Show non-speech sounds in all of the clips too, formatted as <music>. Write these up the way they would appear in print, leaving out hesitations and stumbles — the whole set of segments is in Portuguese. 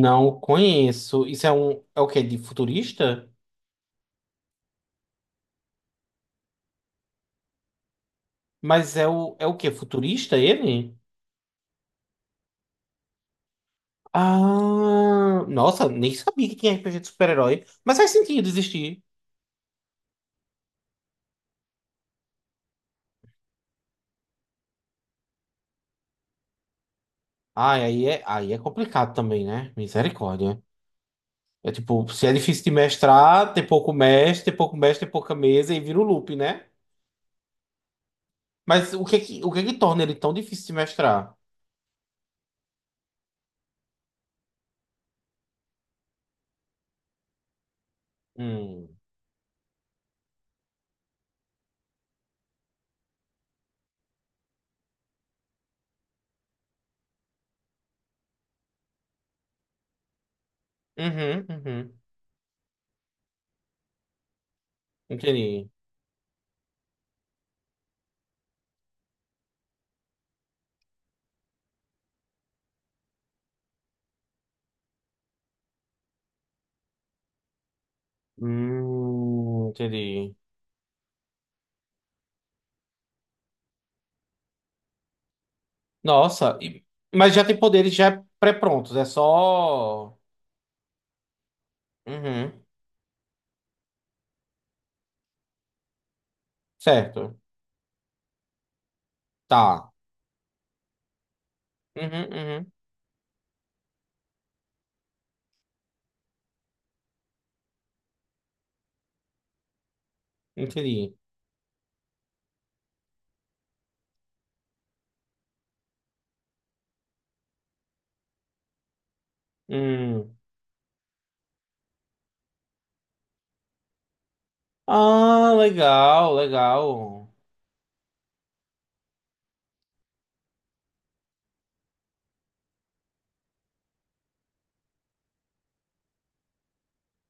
Não conheço. Isso é um. É o quê? De futurista? Mas é o. É o quê? Futurista ele? Ah, nossa, nem sabia que tinha RPG de super-herói, mas faz sentido existir. Ah, aí é complicado também, né? Misericórdia. É tipo, se é difícil de mestrar, tem pouco mestre, tem pouca mesa e vira o loop, né? Mas o que é que, o que é que torna ele tão difícil de mestrar? Hum. Uhum, uhum. Entendi. Entendi. Nossa, e- mas já tem poderes já pré-prontos, é só. Uhum, certo. Tá. Uhum, uhum, entendi. Hum. Ah, legal, legal.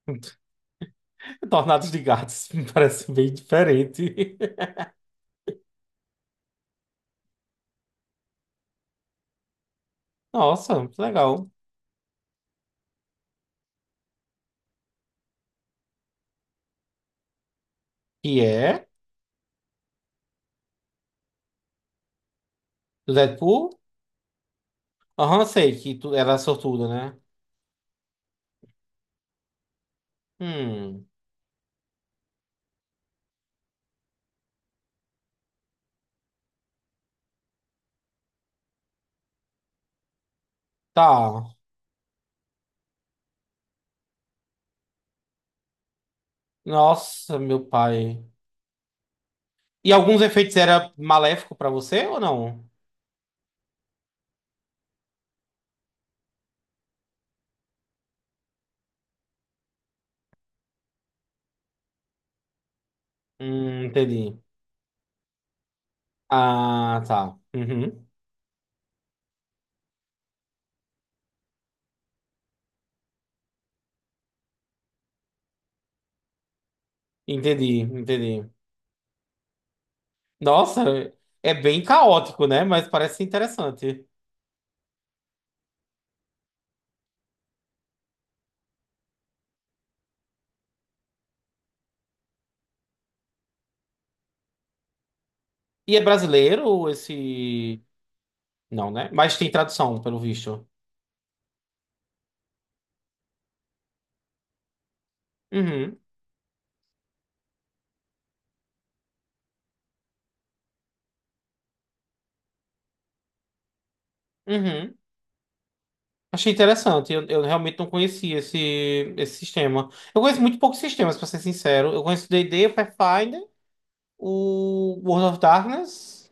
<laughs> Tornados de gatos <laughs> me parece bem diferente. <laughs> Nossa, que legal. Que é? Do Deadpool? Aham, sei que tu era sortuda, né? Hum, tá. Nossa, meu pai. E alguns efeitos era maléfico pra você ou não? Entendi. Ah, tá. Uhum. Entendi, entendi. Nossa, é bem caótico, né? Mas parece interessante. E é brasileiro esse. Não, né? Mas tem tradução, pelo visto. Uhum, uhum. Achei interessante. Eu realmente não conhecia esse, esse sistema. Eu conheço muito poucos sistemas, pra ser sincero. Eu conheço o D&D, o Pathfinder, o World of Darkness.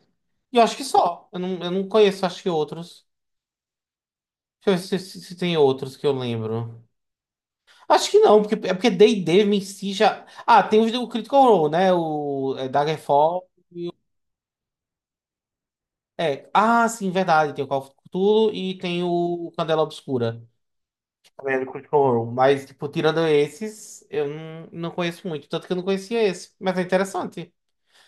E eu acho que só. Eu não conheço, acho que outros. Deixa eu ver se, se tem outros que eu lembro. Acho que não, porque porque D&D em si já. Ah, tem os- o Critical Role, né? Daggerfall. É. Ah, sim, verdade. Tem o Call of Cthulhu e tem o Candela Obscura. Também é do Critical Role. Mas, tipo, tirando esses, eu não conheço muito. Tanto que eu não conhecia esse. Mas é interessante.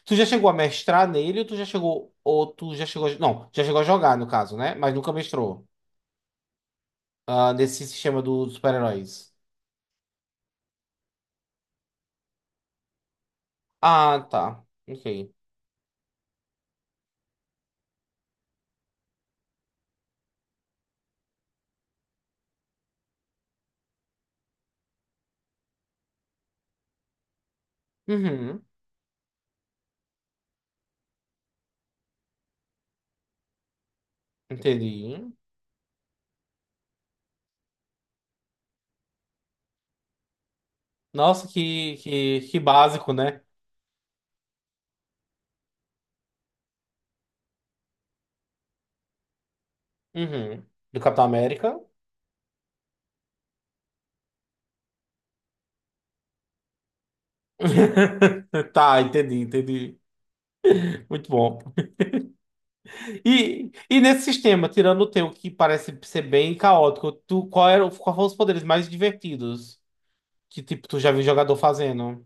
Tu já chegou a mestrar nele ou tu já chegou. Ou tu já chegou. A- Não, já chegou a jogar, no caso, né? Mas nunca mestrou. Ah, nesse sistema do- dos super-heróis. Ah, tá. Ok. Uhum. Entendi. Nossa, que básico, né? Uhum. Do Capitão América. <laughs> Tá, entendi, entendi. Muito bom. E nesse sistema, tirando o teu, que parece ser bem caótico, tu, qual era, qual foram os poderes mais divertidos que, tipo, tu já viu jogador fazendo?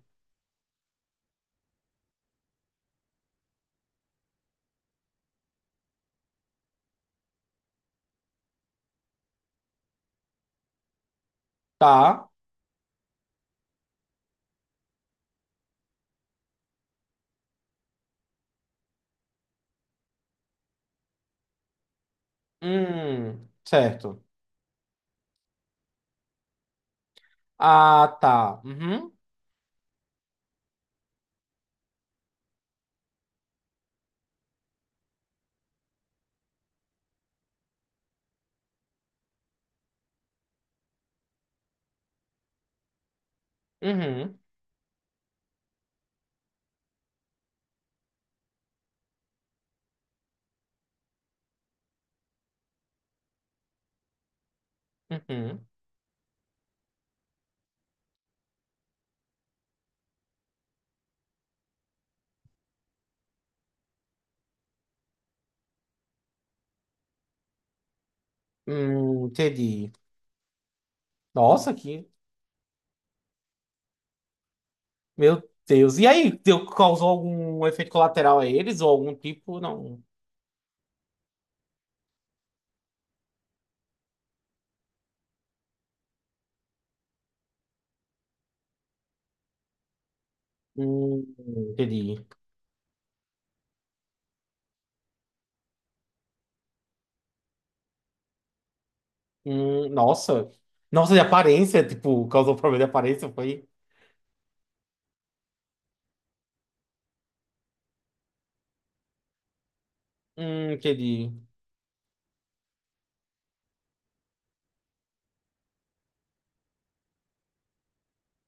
Tá. Certo. Ah, tá. Uhum, uhum, uhum. Entendi. Nossa, que... Meu Deus. E aí, deu, causou algum efeito colateral a eles? Ou algum tipo? Não. Entendi. Nossa. Nossa, de aparência, tipo, causou problema de aparência, foi? Entendi.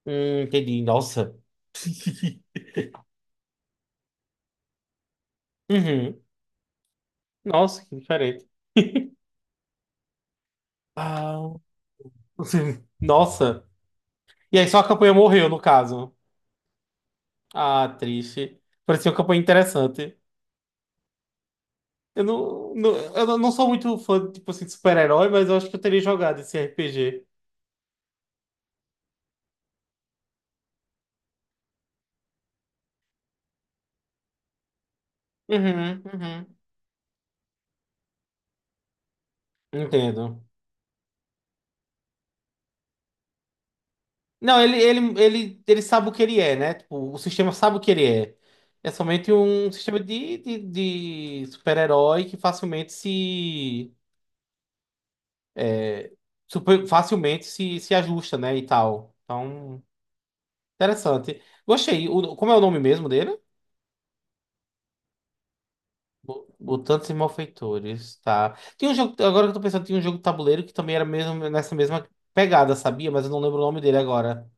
Entendi. Nossa. <laughs> Uhum. Nossa, que diferente. Ah, <laughs> nossa. E aí só a campanha morreu, no caso. Ah, triste. Parecia uma campanha interessante. Eu não sou muito fã, tipo assim, de super-herói, mas eu acho que eu teria jogado esse RPG. Uhum, uhum. Entendo. Não, ele sabe o que ele é, né? Tipo, o sistema sabe o que ele é. É somente um sistema de super-herói que facilmente se. é, Super- facilmente se, se ajusta, né? E tal. Então, interessante. Gostei. O- como é o nome mesmo dele? Bo- Mutantes e Malfeitores, tá. Tem um jogo, agora que eu tô pensando, tinha um jogo de tabuleiro que também era mesmo nessa mesma pegada, sabia? Mas eu não lembro o nome dele agora.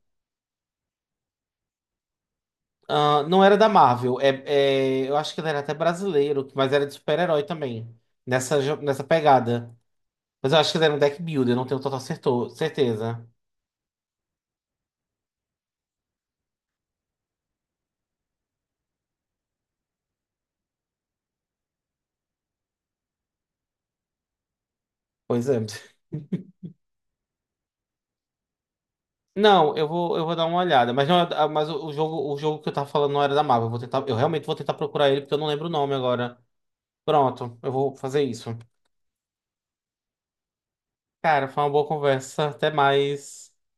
Ah, não era da Marvel, é, é- eu acho que ele era até brasileiro, mas era de super-herói também, nessa, jo- nessa pegada. Mas eu acho que ele era um deck builder, eu não tenho total certo- certeza. Pois é. Não, eu vou dar uma olhada, mas, não, é- ah, mas o, o jogo que eu tava falando não era da Marvel, eu vou tentar, eu realmente vou tentar procurar ele, porque eu não lembro o nome agora. Pronto, eu vou fazer isso. Cara, foi uma boa conversa, até mais.